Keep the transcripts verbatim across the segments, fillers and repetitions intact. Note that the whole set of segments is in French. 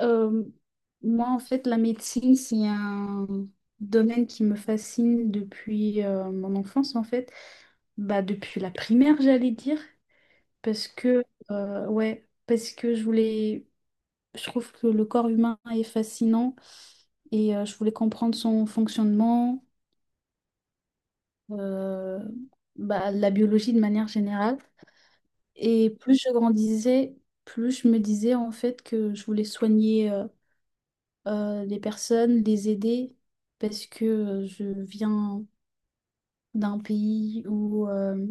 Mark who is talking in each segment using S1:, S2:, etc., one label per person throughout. S1: Euh, Moi, en fait, la médecine, c'est un domaine qui me fascine depuis euh, mon enfance, en fait. Bah, depuis la primaire, j'allais dire. parce que, euh, ouais, parce que je voulais, je trouve que le corps humain est fascinant et euh, je voulais comprendre son fonctionnement, euh, bah, la biologie de manière générale. Et plus je grandissais, plus je me disais, en fait, que je voulais soigner, euh, euh, les personnes, les aider, parce que euh, je viens d'un pays où euh,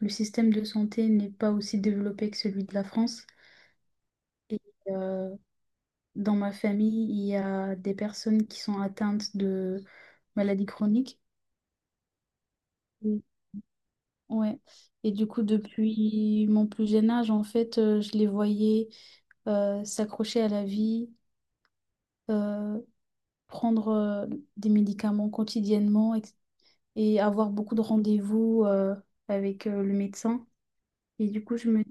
S1: le système de santé n'est pas aussi développé que celui de la France. Et euh, dans ma famille, il y a des personnes qui sont atteintes de maladies chroniques. Mm. Ouais. Et du coup, depuis mon plus jeune âge, en fait, euh, je les voyais euh, s'accrocher à la vie, euh, prendre euh, des médicaments quotidiennement, et avoir beaucoup de rendez-vous euh, avec euh, le médecin. Et du coup, je me...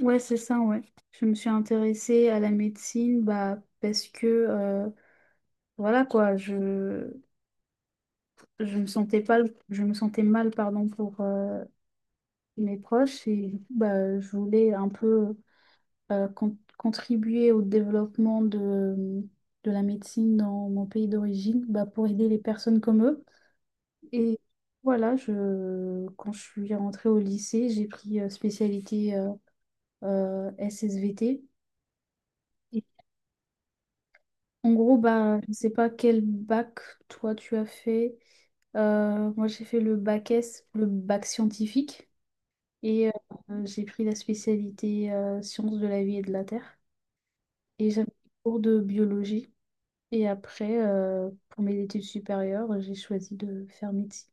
S1: Ouais, c'est ça, ouais. Je me suis intéressée à la médecine, bah, parce que, euh, voilà quoi, je, je me sentais pas, je me sentais mal, pardon, pour euh, mes proches et du coup, bah, je voulais un peu euh, con- contribuer au développement de, de la médecine dans mon pays d'origine, bah, pour aider les personnes comme eux. Et voilà, je, quand je suis rentrée au lycée, j'ai pris euh, spécialité euh, euh, S S V T. Et en gros, bah, je ne sais pas quel bac toi tu as fait. Euh, moi, j'ai fait le bac S, le bac scientifique. Et euh, j'ai pris la spécialité euh, sciences de la vie et de la terre. Et j'avais des cours de biologie. Et après, euh, pour mes études supérieures, j'ai choisi de faire médecine.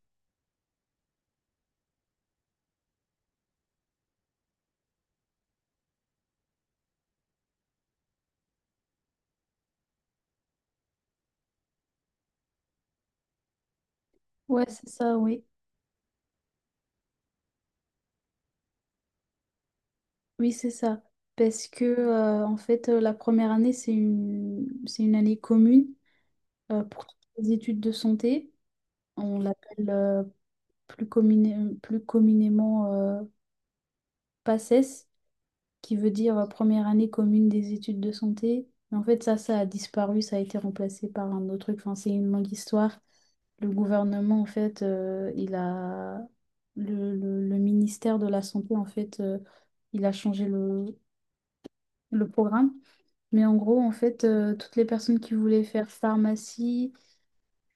S1: Ouais, c'est ça, oui. Oui, c'est ça. Parce que, euh, en fait, euh, la première année, c'est une, c'est une année commune euh, pour toutes les études de santé. On l'appelle euh, plus, commune- plus communément euh, PACES, qui veut dire euh, première année commune des études de santé. Mais en fait, ça, ça a disparu, ça a été remplacé par un autre truc. Enfin, c'est une longue histoire. Le gouvernement, en fait, euh, il a... Le, le- le ministère de la Santé, en fait, euh, il a changé le, le programme. Mais en gros, en fait, euh, toutes les personnes qui voulaient faire pharmacie,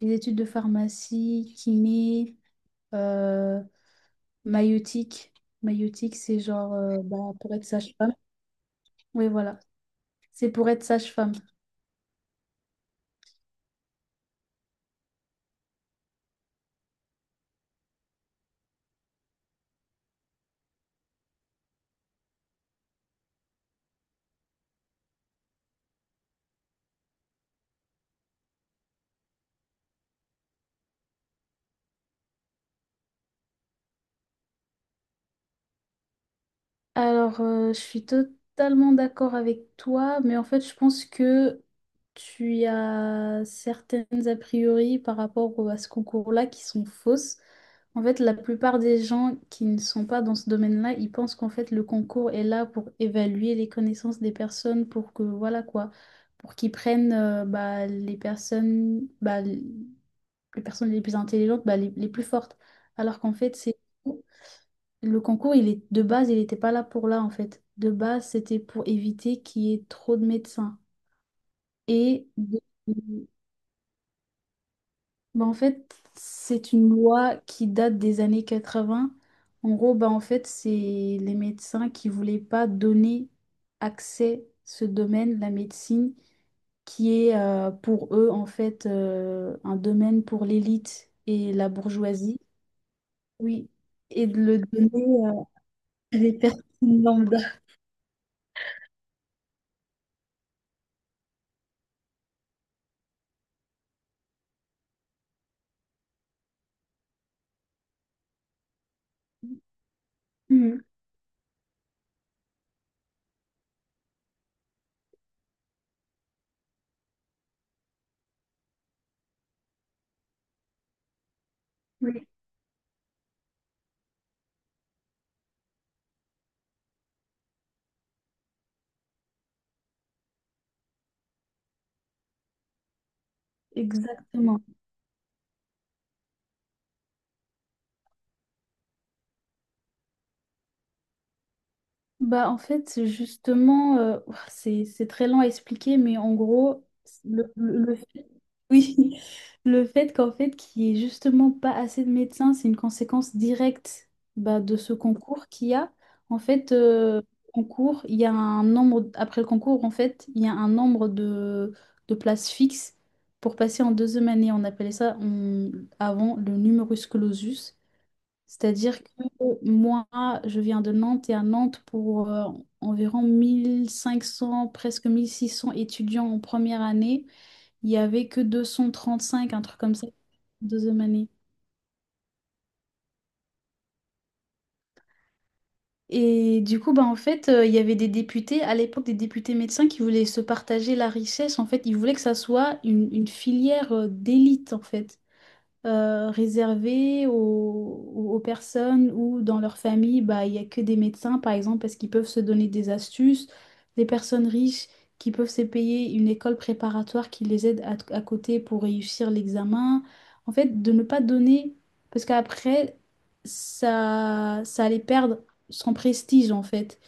S1: les études de pharmacie, kiné, euh, maïeutique. Maïeutique, c'est genre euh, bah, pour être sage-femme. Oui, voilà. C'est pour être sage-femme. Alors, euh, je suis totalement d'accord avec toi, mais en fait, je pense que tu as certaines a priori par rapport au- à ce concours-là qui sont fausses. En fait, la plupart des gens qui ne sont pas dans ce domaine-là, ils pensent qu'en fait, le concours est là pour évaluer les connaissances des personnes, pour que, voilà quoi, pour qu'ils prennent euh, bah, les personnes, bah, les personnes les plus intelligentes, bah, les les plus fortes. Alors qu'en fait, c'est... Le concours, il est de base, il n'était pas là pour là, en fait. De base, c'était pour éviter qu'il y ait trop de médecins. Et de- Bah, en fait, c'est une loi qui date des années quatre-vingts. En gros, bah, en fait, c'est les médecins qui voulaient pas donner accès ce domaine, la médecine, qui est euh, pour eux en fait euh, un domaine pour l'élite et la bourgeoisie. Oui. Et de le donner euh, à des personnes lambda. Mhm. Exactement. Bah, en fait, c'est justement, euh, ouah, c'est c'est très lent à expliquer, mais en gros, le, le, le fait, oui, le fait qu'en fait, qu'il n'y ait justement pas assez de médecins, c'est une conséquence directe, bah, de ce concours qu'il y a. En fait, euh, concours, il y a un nombre, après le concours, en fait, il y a un nombre de, de places fixes pour passer en deuxième année. On appelait ça, on- avant, le numerus clausus. C'est-à-dire que moi, je viens de Nantes et à Nantes, pour euh, environ mille cinq cents, presque mille six cents étudiants en première année, il n'y avait que deux cent trente-cinq, un truc comme ça, deuxième année. Et du coup, bah, en fait, euh, il y avait des députés, à l'époque, des députés médecins qui voulaient se partager la richesse. En fait, ils voulaient que ça soit une, une filière euh, d'élite, en fait. Euh, réservé aux, aux- aux personnes où dans leur famille, bah, il n'y a que des médecins, par exemple, parce qu'ils peuvent se donner des astuces, des personnes riches qui peuvent se payer une école préparatoire qui les aide à, à côté pour réussir l'examen. En fait, de ne pas donner, parce qu'après, ça, ça allait perdre son prestige, en fait.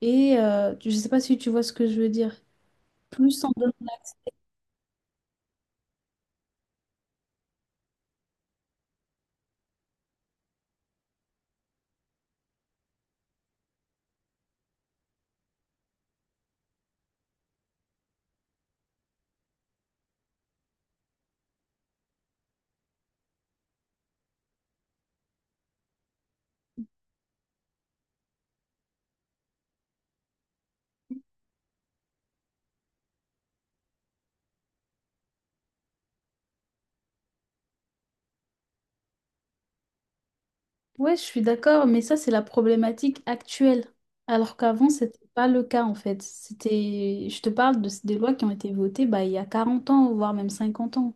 S1: Et euh, je ne sais pas si tu vois ce que je veux dire. Plus on donne. Ouais, je suis d'accord, mais ça, c'est la problématique actuelle. Alors qu'avant, c'était pas le cas, en fait. C'était, je te parle de, des lois qui ont été votées, bah, il y a quarante ans, voire même cinquante ans.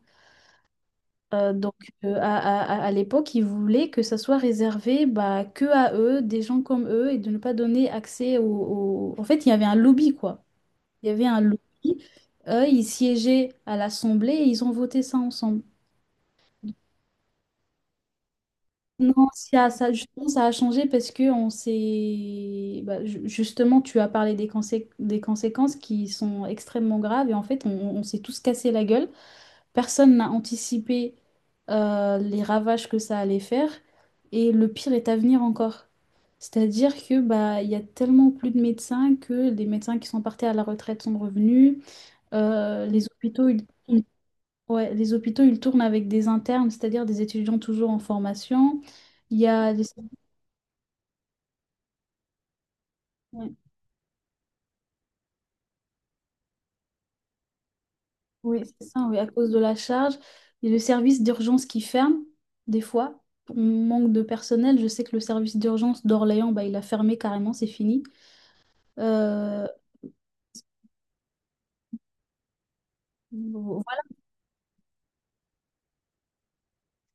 S1: Euh, donc, euh, à, à- à- à l'époque, ils voulaient que ça soit réservé, bah, que à eux, des gens comme eux, et de ne pas donner accès aux... En fait, il y avait un lobby, quoi. Il y avait un lobby. Eux, ils siégeaient à l'Assemblée et ils ont voté ça ensemble. Non, ça, ça, justement, ça a changé parce que on s'est... bah, ju- justement, tu as parlé des, consé- des conséquences qui sont extrêmement graves et en fait, on, on s'est tous cassé la gueule. Personne n'a anticipé euh, les ravages que ça allait faire, et le pire est à venir encore. C'est-à-dire que, bah, il y a tellement plus de médecins que les médecins qui sont partis à la retraite sont revenus. Euh, les hôpitaux, ils... Ouais, les hôpitaux, ils tournent avec des internes, c'est-à-dire des étudiants toujours en formation. Il y a les... Ouais. Oui, c'est ça, oui, à cause de la charge. Il y a le service d'urgence qui ferme, des fois. On manque de personnel. Je sais que le service d'urgence d'Orléans, bah, il a fermé carrément, c'est fini. Euh,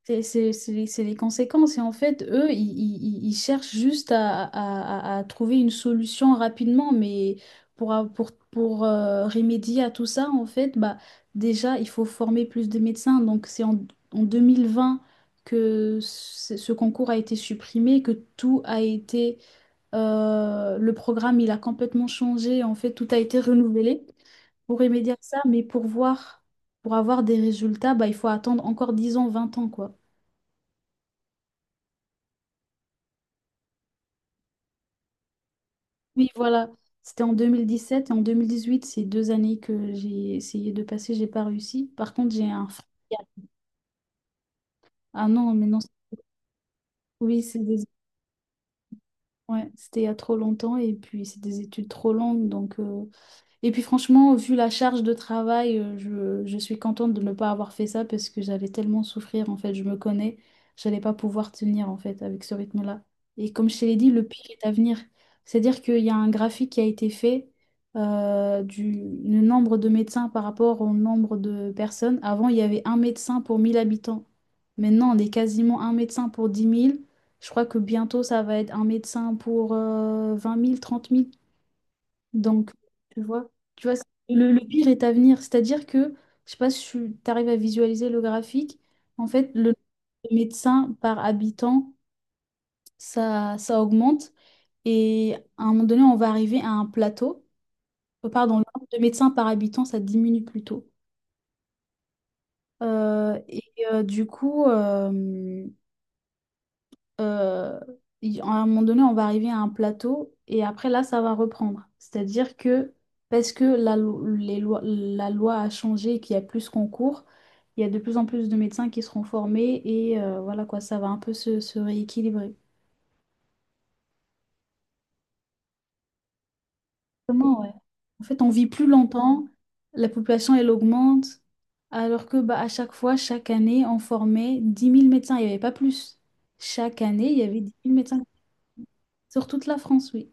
S1: C'est c'est- c'est les c'est les conséquences. Et en fait, eux, ils, ils- ils- ils cherchent juste à, à- à- à trouver une solution rapidement. Mais pour, a- pour, pour euh, remédier à tout ça, en fait, bah, déjà, il faut former plus de médecins. Donc, c'est en, en deux mille vingt que ce ce concours a été supprimé, que tout a été... euh, Le programme, il a complètement changé. En fait, tout a été renouvelé pour remédier à ça. Mais pour voir, pour avoir des résultats, bah, il faut attendre encore dix ans, vingt ans, quoi. Oui, voilà. C'était en deux mille dix sept et en deux mille dix huit, c'est deux années que j'ai essayé de passer, j'ai pas réussi. Par contre, j'ai un frère. Ah non, mais non, c'est- oui, c'est des... Ouais, c'était il y a trop longtemps et puis c'est des études trop longues, donc euh, Et puis franchement, vu la charge de travail, euh, je, je suis contente de ne pas avoir fait ça parce que j'allais tellement souffrir, en fait, je me connais, j'allais pas pouvoir tenir, en fait, avec ce rythme-là. Et comme je te l'ai dit, le pire est à venir. C'est-à-dire qu'il y a un graphique qui a été fait euh, du le nombre de médecins par rapport au nombre de personnes. Avant, il y avait un médecin pour mille habitants. Maintenant, on est quasiment un médecin pour dix mille. Je crois que bientôt, ça va être un médecin pour euh, vingt mille, trente mille. Donc, tu vois, tu vois, le, le pire est à venir. C'est-à-dire que, je sais pas si tu arrives à visualiser le graphique, en fait, le médecin par habitant, ça, ça augmente. Et à un moment donné, on va arriver à un plateau. Euh, Pardon, le nombre de médecins par habitant, ça diminue plutôt. Euh, et euh, du coup, euh, euh, il- à un moment donné, on va arriver à un plateau et après là, ça va reprendre. C'est-à-dire que parce que la, lo- les lois, la loi a changé et qu'il y a plus de concours, il y a de plus en plus de médecins qui seront formés et euh, voilà quoi, ça va un peu se, se rééquilibrer. Comment, ouais. En fait, on vit plus longtemps, la population elle augmente, alors que bah, à chaque fois, chaque année, on formait dix mille médecins, il n'y avait pas plus. Chaque année, il y avait dix mille médecins sur toute la France, oui.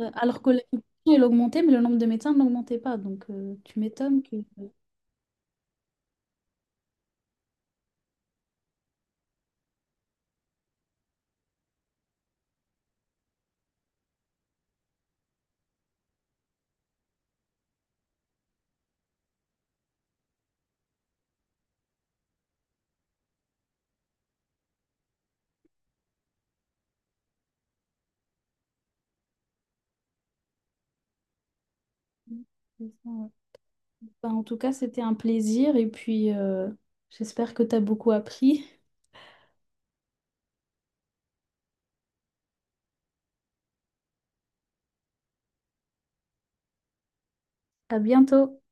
S1: Euh, Alors que la population elle augmentait, mais le nombre de médecins n'augmentait pas. Donc, euh, tu m'étonnes que... Ben, en tout cas, c'était un plaisir et puis euh, j'espère que tu as beaucoup appris. À bientôt.